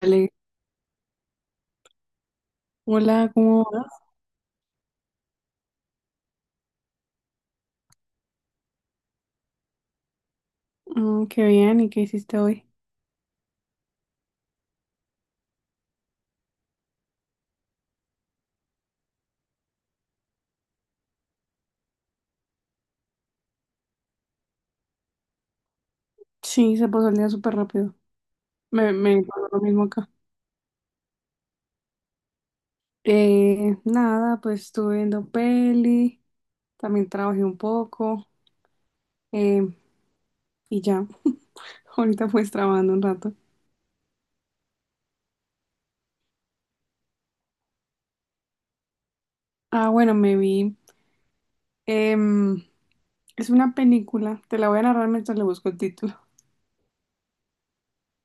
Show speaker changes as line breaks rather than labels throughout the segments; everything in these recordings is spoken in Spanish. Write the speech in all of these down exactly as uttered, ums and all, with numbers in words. Dale. Hola, ¿cómo vas? Mm, qué bien, ¿y qué hiciste hoy? Sí, se pasó el día súper rápido. Me, me pasó lo mismo acá. Eh, nada, pues estuve viendo peli, también trabajé un poco, eh, y ya. Ahorita pues trabajando un rato. Ah, bueno, me vi, em, es una película, te la voy a narrar mientras le busco el título.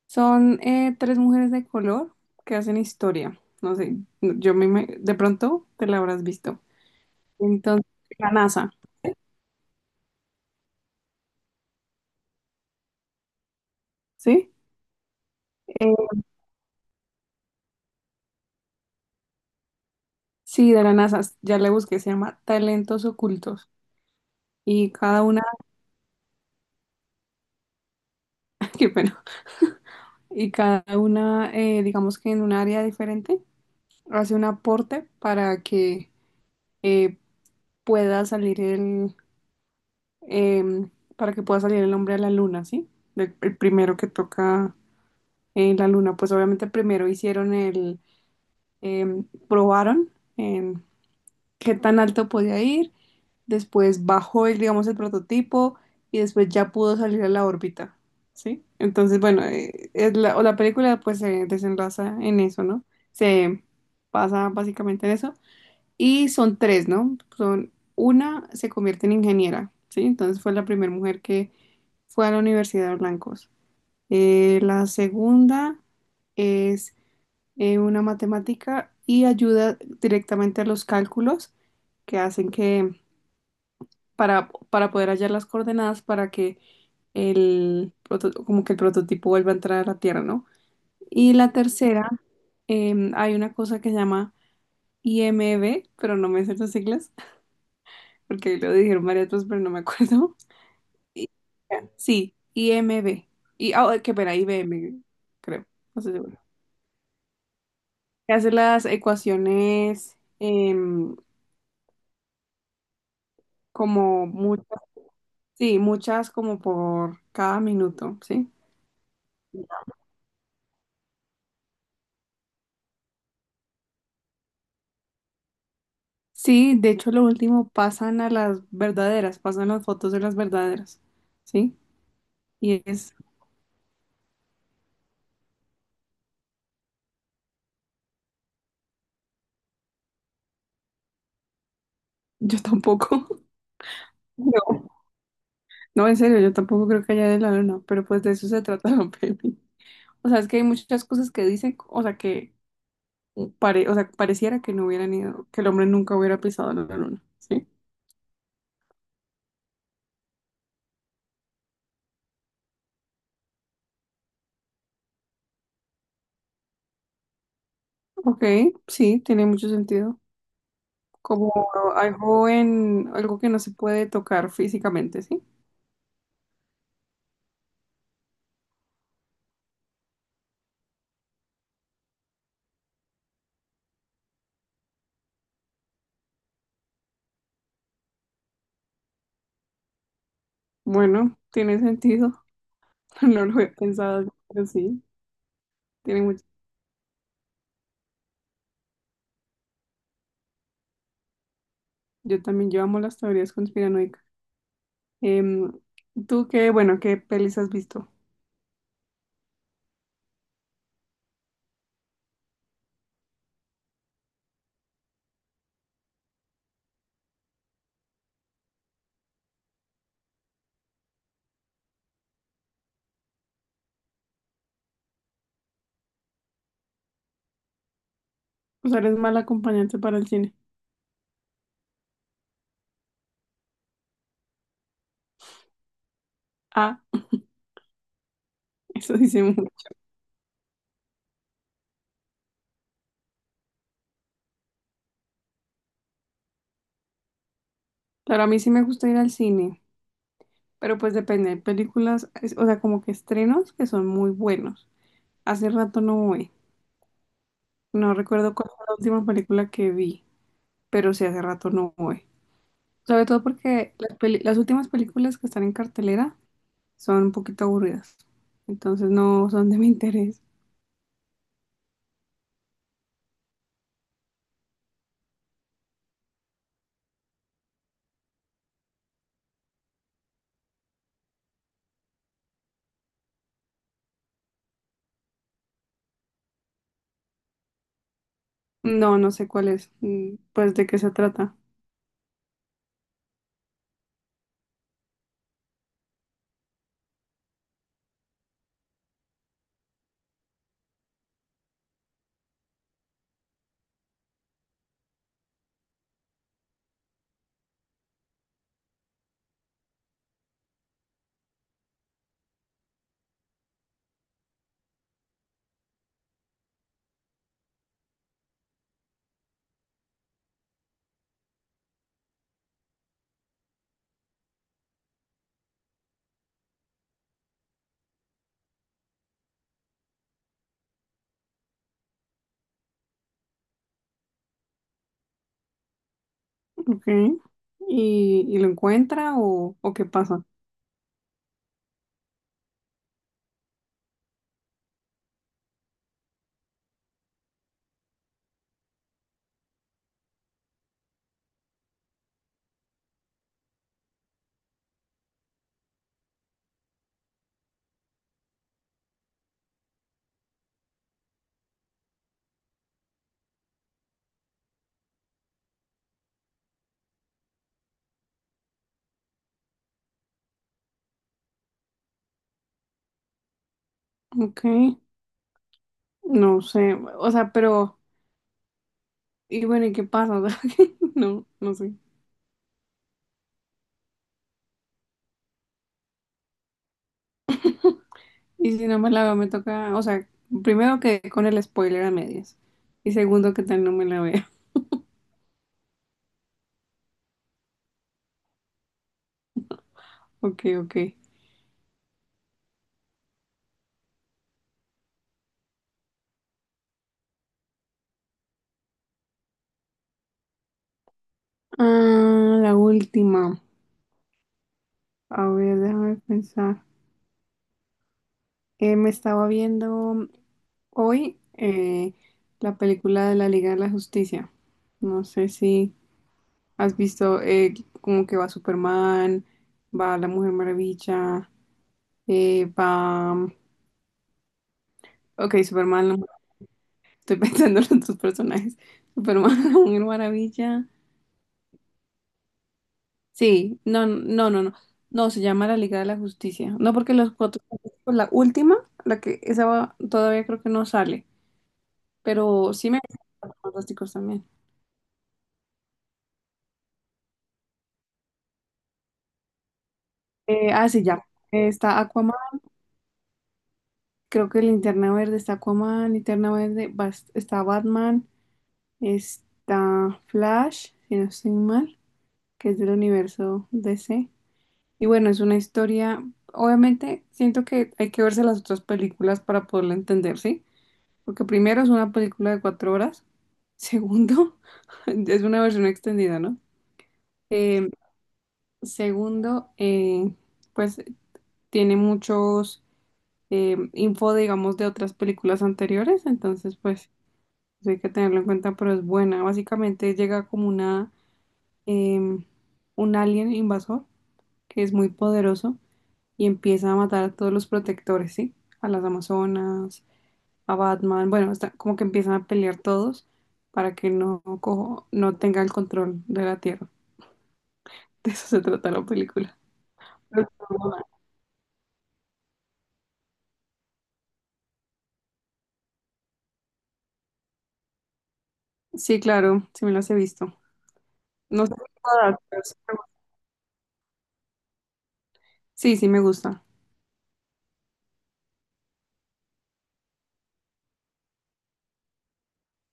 Son eh, tres mujeres de color que hacen historia. No sé, yo me, me- de pronto te la habrás visto. Entonces, la NASA. ¿Sí? Eh, sí, de la NASA, ya le busqué, se llama Talentos Ocultos y cada una, qué pena, y cada una, eh, digamos que en un área diferente, hace un aporte para que eh, pueda salir el, em, para que pueda salir el hombre a la luna, ¿sí? El, el primero que toca en la luna, pues obviamente primero hicieron el, em, probaron, em, qué tan alto podía ir, después bajó el, digamos, el prototipo, y después ya pudo salir a la órbita, ¿sí? Entonces, bueno, eh, es la, o la película pues se desenlaza en eso, ¿no? Se pasa básicamente en eso. Y son tres, ¿no? Son, una se convierte en ingeniera, ¿sí? Entonces fue la primera mujer que fue a la Universidad de Blancos. Eh, la segunda es eh, una matemática y ayuda directamente a los cálculos que hacen que para, para poder hallar las coordenadas para que el, proto- como que el prototipo vuelva a entrar a la Tierra, ¿no? Y la tercera, em, hay una cosa que se llama I M B, pero no me sé las siglas, porque lo dijeron varias veces, pero no me acuerdo. Y- Sí, I M B. Y, ah, qué pena, I B M, creo, no estoy segura. Que hace las ecuaciones, em, como muchas, sí, muchas, como por cada minuto, ¿sí? Sí, de hecho lo último pasan a las verdaderas, pasan las fotos de las verdaderas, ¿sí? Y es, yo tampoco, no, no, en serio, yo tampoco creo que haya de la luna, pero pues de eso se trata la peli. O sea, es que hay muchas cosas que dicen, o sea, que pare, o sea, pareciera que no hubieran ido, que el hombre nunca hubiera pisado la luna, ¿sí? Ok, sí, tiene mucho sentido, como algo en, algo que no se puede tocar físicamente, ¿sí? Bueno, tiene sentido. No lo he pensado, pero sí, tiene mucho. Yo también, yo amo las teorías conspiranoicas. Em, ¿Tú qué, bueno, qué pelis has visto? O sea, eres mal acompañante para el cine. Ah, eso dice mucho. Claro, a mí sí me gusta ir al cine, pero pues depende. Hay películas, es- o sea, como que estrenos que son muy buenos. Hace rato no voy. No recuerdo cuál fue la última película que vi, pero sí hace rato no voy. Sobre todo porque las, peli- las últimas películas que están en cartelera son un poquito aburridas, entonces no son de mi interés. No, no sé cuál es, mm, pues de qué se trata. Ok. ¿Y, y lo encuentra o, o qué pasa? Ok. No sé, o sea, pero, y bueno, ¿y qué pasa? O sea, no, no sé. Y si no me la veo, me toca, o sea, primero que con el spoiler a medias. Y segundo que tal no me la veo. Ok, ok. Ah, la última. A ver, déjame pensar. Eh, me estaba viendo hoy, eh, la película de la Liga de la Justicia. No sé si has visto, eh, como que va Superman, va la Mujer Maravilla, eh, va... mm, Ok, Superman, la- estoy pensando en los dos personajes. Superman, la Mujer Maravilla. Sí, no, no, no, no. No, se llama la Liga de la Justicia. No porque los cuatro... pues, la última, la que esa va- todavía creo que no sale, pero sí me... Fantásticos también. Eh, ah, sí, ya. Está Aquaman. Creo que Linterna Verde, está Aquaman, Linterna Verde, bas- está Batman, está Flash, si no estoy mal, que es del universo D C. Y bueno, es una historia, obviamente siento que hay que verse las otras películas para poderla entender, ¿sí? Porque primero es una película de cuatro horas, segundo, es una versión extendida, ¿no? Eh, segundo, eh, pues tiene muchos, eh, info, digamos, de otras películas anteriores, entonces pues... eso hay que tenerlo en cuenta, pero es buena. Básicamente llega como una, em, un alien invasor que es muy poderoso y empieza a matar a todos los protectores, ¿sí? A las Amazonas, a Batman. Bueno, está, como que empiezan a pelear todos para que no, cojo- no tenga el control de la Tierra. De eso se trata la película. Sí, claro, sí me las he visto. No sé si todas, pero sí me gustan. Sí, sí me gusta.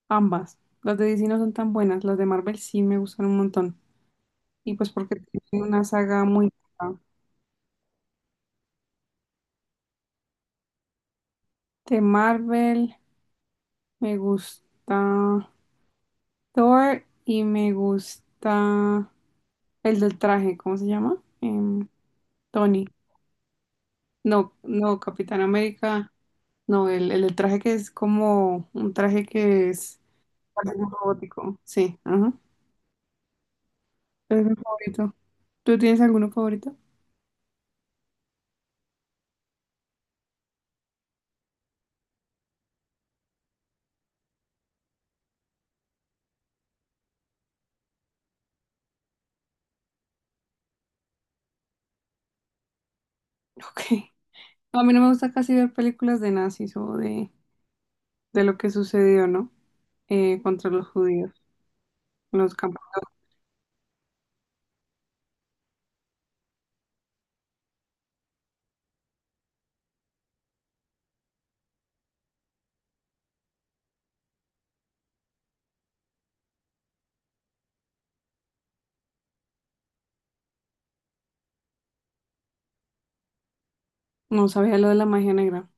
Ambas. Las de D C no son tan buenas, las de Marvel sí me gustan un montón. Y pues porque tiene una saga muy buena. De Marvel, me gusta Thor y me gusta el del traje, ¿cómo se llama? Em, Tony. No, no, Capitán América. No, el, el del traje que es como un traje que es, parece un robótico. Sí, ajá. Es mi favorito. ¿Tú tienes alguno favorito? Ok. No, a mí no me gusta casi ver películas de nazis o de, de lo que sucedió, ¿no? Eh, contra los judíos en los campos. No sabía lo de la magia negra.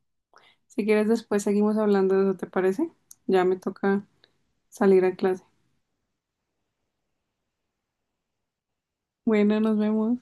Si quieres, después seguimos hablando de eso, ¿te parece? Ya me toca salir a clase. Bueno, nos vemos.